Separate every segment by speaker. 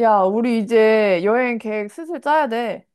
Speaker 1: 야, 우리 이제 여행 계획 슬슬 짜야 돼.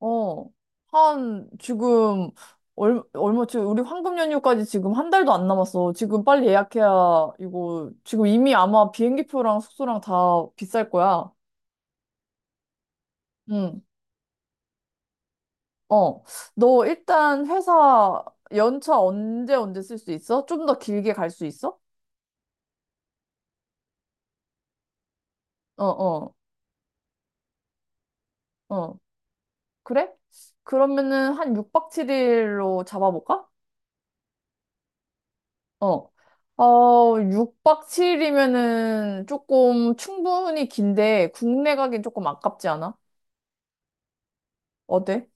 Speaker 1: 어. 한, 지금, 얼마, 지금 우리 황금 연휴까지 지금 한 달도 안 남았어. 지금 빨리 예약해야, 이거, 지금 이미 아마 비행기표랑 숙소랑 다 비쌀 거야. 응. 어. 너 일단 회사 연차 언제 언제 쓸 수 있어? 좀 더 길게 갈 수 있어? 어, 어, 어. 그래? 그러면은 한 6박 7일로 잡아볼까? 어. 어, 6박 7일이면은 조금 충분히 긴데 국내 가긴 조금 아깝지 않아? 어때?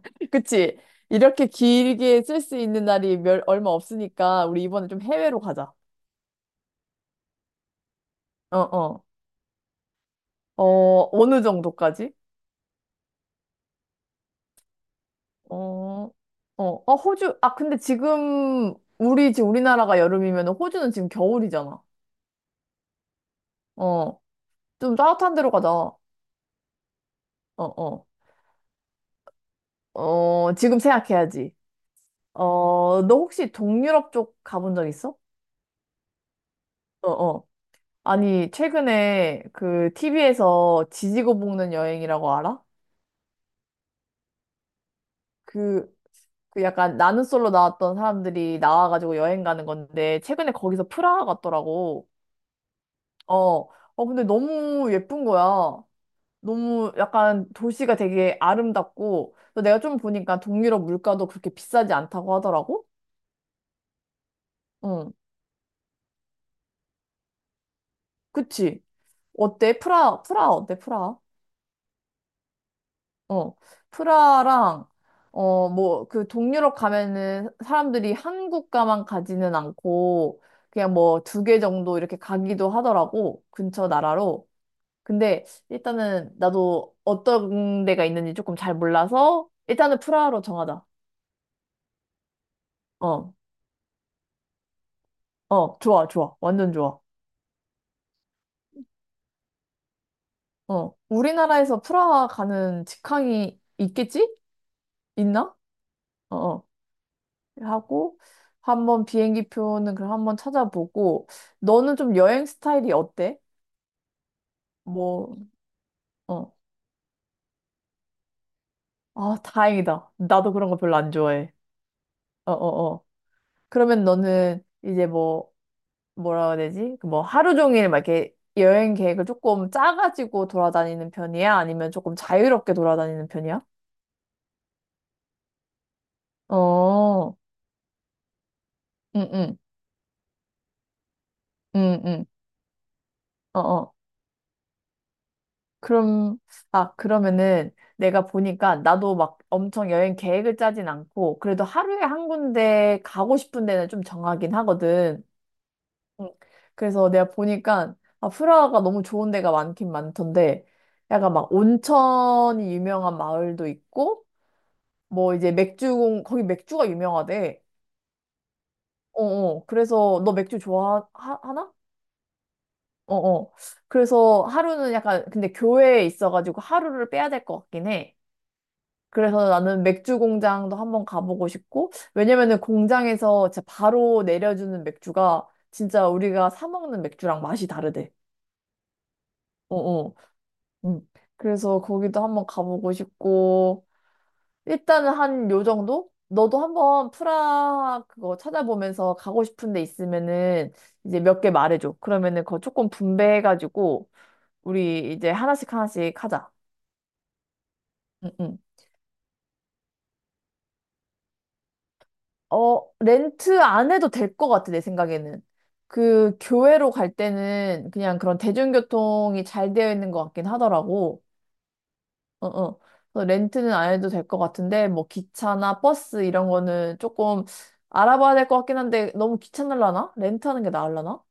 Speaker 1: 그치? 이렇게 길게 쓸 수 있는 날이 얼마 없으니까 우리 이번에 좀 해외로 가자. 어, 어. 어, 어느 정도까지? 어, 어, 어, 호주. 아, 근데 지금 우리나라가 여름이면 호주는 지금 겨울이잖아. 어. 좀 따뜻한 데로 가자. 어, 어. 어, 지금 생각해야지. 어, 너 혹시 동유럽 쪽 가본 적 있어? 어, 어. 아니, 최근에 그 TV에서 지지고 볶는 여행이라고 알아? 그, 그 약간 나는 솔로 나왔던 사람들이 나와가지고 여행 가는 건데, 최근에 거기서 프라하 갔더라고. 어, 어, 근데 너무 예쁜 거야. 너무 약간 도시가 되게 아름답고, 또 내가 좀 보니까 동유럽 물가도 그렇게 비싸지 않다고 하더라고? 응, 그치. 어때? 프라하 어때? 프라하? 어, 프라랑, 어, 뭐, 그 동유럽 가면은 사람들이 한국가만 가지는 않고, 그냥 뭐 두 개 정도 이렇게 가기도 하더라고, 근처 나라로. 근데 일단은 나도 어떤 데가 있는지 조금 잘 몰라서, 일단은 프라하로 정하자. 어, 어, 좋아, 좋아. 완전 좋아. 어, 우리나라에서 프라하 가는 직항이 있겠지? 있나? 어, 어. 하고 한번 비행기 표는 그럼 한번 찾아보고 너는 좀 여행 스타일이 어때? 뭐, 어. 아, 다행이다. 나도 그런 거 별로 안 좋아해. 어, 어, 어. 그러면 너는 이제 뭐라 해야 되지? 그뭐 하루 종일 막 이렇게 여행 계획을 조금 짜가지고 돌아다니는 편이야? 아니면 조금 자유롭게 돌아다니는 편이야? 어, 응, 응, 응, 응. 어어 그럼, 아, 그러면은 내가 보니까 나도 막 엄청 여행 계획을 짜진 않고 그래도 하루에 한 군데 가고 싶은 데는 좀 정하긴 하거든. 응. 그래서 내가 보니까 아, 프라하가 너무 좋은 데가 많긴 많던데 약간 막 온천이 유명한 마을도 있고 뭐 이제 거기 맥주가 유명하대. 어어. 그래서 너 맥주 좋아하나? 어어. 그래서 하루는 약간 근데 교회에 있어가지고 하루를 빼야 될 것 같긴 해. 그래서 나는 맥주 공장도 한번 가보고 싶고, 왜냐면은 공장에서 진짜 바로 내려주는 맥주가 진짜 우리가 사 먹는 맥주랑 맛이 다르대. 어, 어. 음. 그래서 거기도 한번 가보고 싶고, 일단은 한 요 정도? 너도 한번 프라 그거 찾아보면서 가고 싶은 데 있으면은 이제 몇 개 말해줘. 그러면은 그거 조금 분배해가지고, 우리 이제 하나씩 하나씩 하자. 응, 응. 어, 렌트 안 해도 될 것 같아, 내 생각에는. 그 교회로 갈 때는 그냥 그런 대중교통이 잘 되어 있는 것 같긴 하더라고. 어, 어. 그래서 렌트는 안 해도 될 것 같은데, 뭐 기차나 버스 이런 거는 조금 알아봐야 될 것 같긴 한데, 너무 귀찮을라나? 렌트하는 게 나을라나?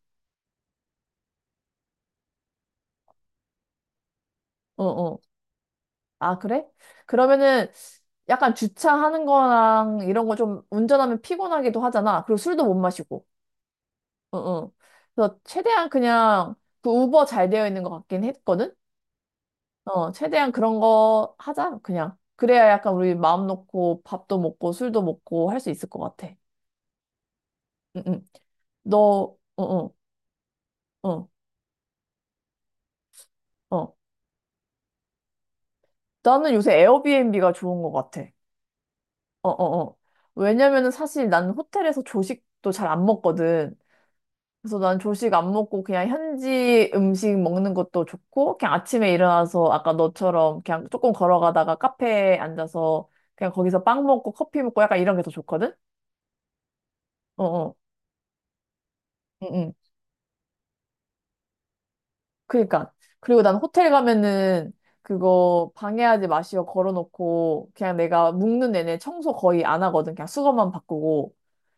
Speaker 1: 어, 어. 아, 그래? 그러면은 약간 주차하는 거랑 이런 거 좀 운전하면 피곤하기도 하잖아. 그리고 술도 못 마시고. 어, 어. 그래서 최대한 그냥 그 우버 잘 되어 있는 것 같긴 했거든? 어, 최대한 그런 거 하자, 그냥. 그래야 약간 우리 마음 놓고 밥도 먹고 술도 먹고 할 수 있을 것 같아. 응, 응. 어, 어, 어, 어. 나는 요새 에어비앤비가 좋은 것 같아. 어, 어, 어. 왜냐면은 사실 난 호텔에서 조식도 잘 안 먹거든. 그래서 난 조식 안 먹고 그냥 현지 음식 먹는 것도 좋고, 그냥 아침에 일어나서 아까 너처럼 그냥 조금 걸어가다가 카페에 앉아서 그냥 거기서 빵 먹고 커피 먹고 약간 이런 게 더 좋거든? 어어. 응응. 그니까. 그리고 난 호텔 가면은 그거 방해하지 마시오 걸어놓고 그냥 내가 묵는 내내 청소 거의 안 하거든. 그냥 수건만 바꾸고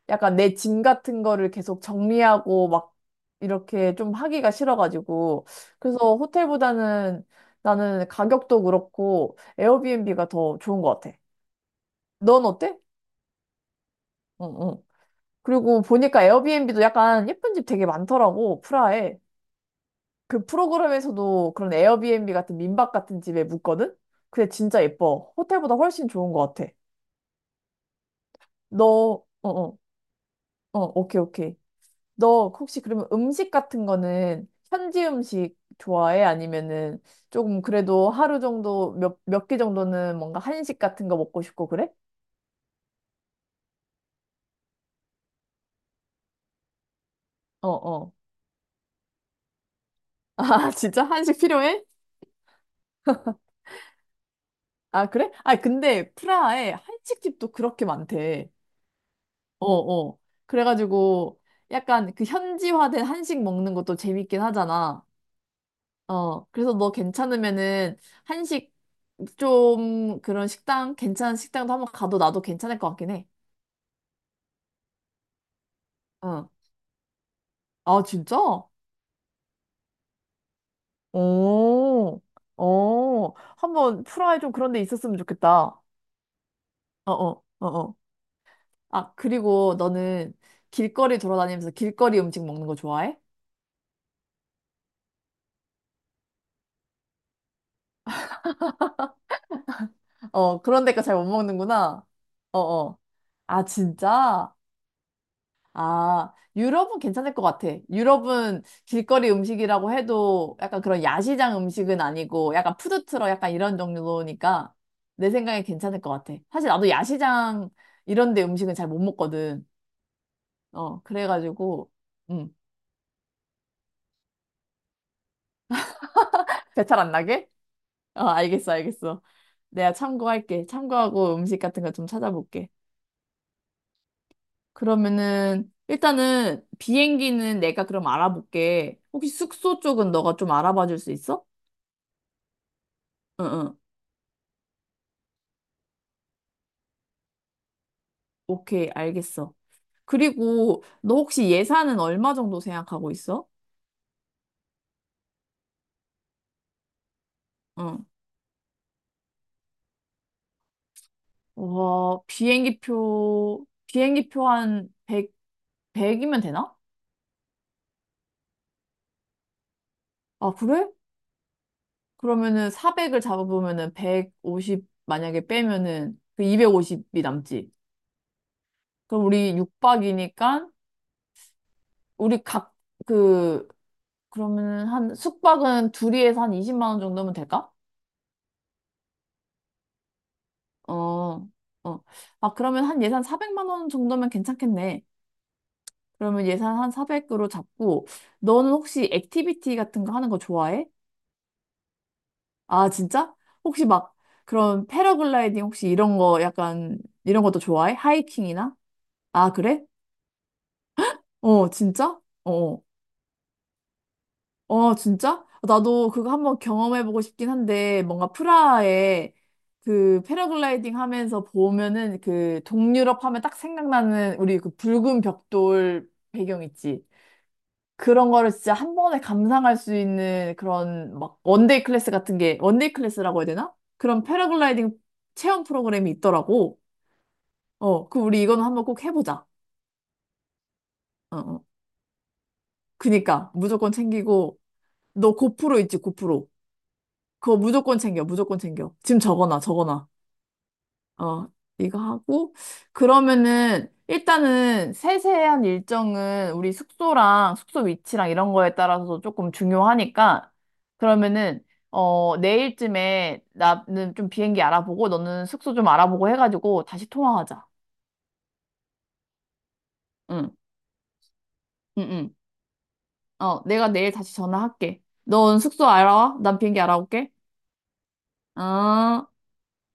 Speaker 1: 약간 내 짐 같은 거를 계속 정리하고 막 이렇게 좀 하기가 싫어가지고 그래서 호텔보다는 나는 가격도 그렇고 에어비앤비가 더 좋은 것 같아. 넌 어때? 응, 응. 그리고 보니까 에어비앤비도 약간 예쁜 집 되게 많더라고, 프라하에. 그 프로그램에서도 그런 에어비앤비 같은 민박 같은 집에 묵거든? 근데 진짜 예뻐. 호텔보다 훨씬 좋은 것 같아. 어, 어, 어, 오케이, 오케이. 너 혹시 그러면 음식 같은 거는 현지 음식 좋아해? 아니면은 조금 그래도 하루 정도 몇 개 정도는 뭔가 한식 같은 거 먹고 싶고 그래? 어, 어. 아, 진짜 한식 필요해? 아, 그래? 아, 근데 프라하에 한식집도 그렇게 많대. 어, 어. 그래가지고 약간 그 현지화된 한식 먹는 것도 재밌긴 하잖아. 어, 그래서 너 괜찮으면은 한식 좀 그런 식당, 괜찮은 식당도 한번 가도 나도 괜찮을 것 같긴 해. 응. 아, 진짜? 오, 오, 한번 프라이 좀 그런 데 있었으면 좋겠다. 어, 어, 어, 어. 아, 그리고 너는 길거리 돌아다니면서 길거리 음식 먹는 거 좋아해? 어, 그런 데가 잘 못 먹는구나. 어, 어. 아, 진짜? 아, 유럽은 괜찮을 것 같아. 유럽은 길거리 음식이라고 해도 약간 그런 야시장 음식은 아니고 약간 푸드트럭 약간 이런 종류니까 내 생각에 괜찮을 것 같아. 사실 나도 야시장 이런 데 음식은 잘 못 먹거든. 어, 그래가지고, 음, 배탈 안 나게? 어, 알겠어, 알겠어. 내가 참고할게. 참고하고 음식 같은 거 좀 찾아볼게. 그러면은, 일단은 비행기는 내가 그럼 알아볼게. 혹시 숙소 쪽은 너가 좀 알아봐 줄 수 있어? 응, 응. 오케이, 알겠어. 그리고 너 혹시 예산은 얼마 정도 생각하고 있어? 응. 와, 비행기표, 비행기표 한 100, 이면 되나? 아, 그래? 그러면은 400을 잡아보면은 150 만약에 빼면은 그 250이 남지. 그럼 우리 육박이니까 우리 각 그 그러면은 한 숙박은 둘이에서 한 20만 원 정도면 될까? 어. 어. 아, 그러면 한 예산 400만 원 정도면 괜찮겠네. 그러면 예산 한 400으로 잡고, 너는 혹시 액티비티 같은 거 하는 거 좋아해? 아, 진짜? 혹시 막 그런 패러글라이딩 혹시 이런 거 약간 이런 것도 좋아해? 하이킹이나? 아, 그래? 어, 진짜? 어. 어, 어, 진짜? 나도 그거 한번 경험해보고 싶긴 한데, 뭔가 프라하에 그 패러글라이딩 하면서 보면은 그 동유럽 하면 딱 생각나는 우리 그 붉은 벽돌 배경 있지? 그런 거를 진짜 한 번에 감상할 수 있는 그런 막 원데이 클래스 같은 게 원데이 클래스라고 해야 되나? 그런 패러글라이딩 체험 프로그램이 있더라고. 어, 그 우리 이거는 한번 꼭 해보자. 어, 어. 그니까 무조건 챙기고 너 고프로 있지 고프로. 그거 무조건 챙겨 무조건 챙겨. 지금 적어놔 적어놔. 어, 이거 하고, 그러면은, 일단은 세세한 일정은 우리 숙소랑 숙소 위치랑 이런 거에 따라서 조금 중요하니까, 그러면은, 어, 내일쯤에 나는 좀 비행기 알아보고, 너는 숙소 좀 알아보고 해가지고 다시 통화하자. 응, 응, 응. 어, 내가 내일 다시 전화할게. 넌 숙소 알아와? 난 비행기 알아올게. 어.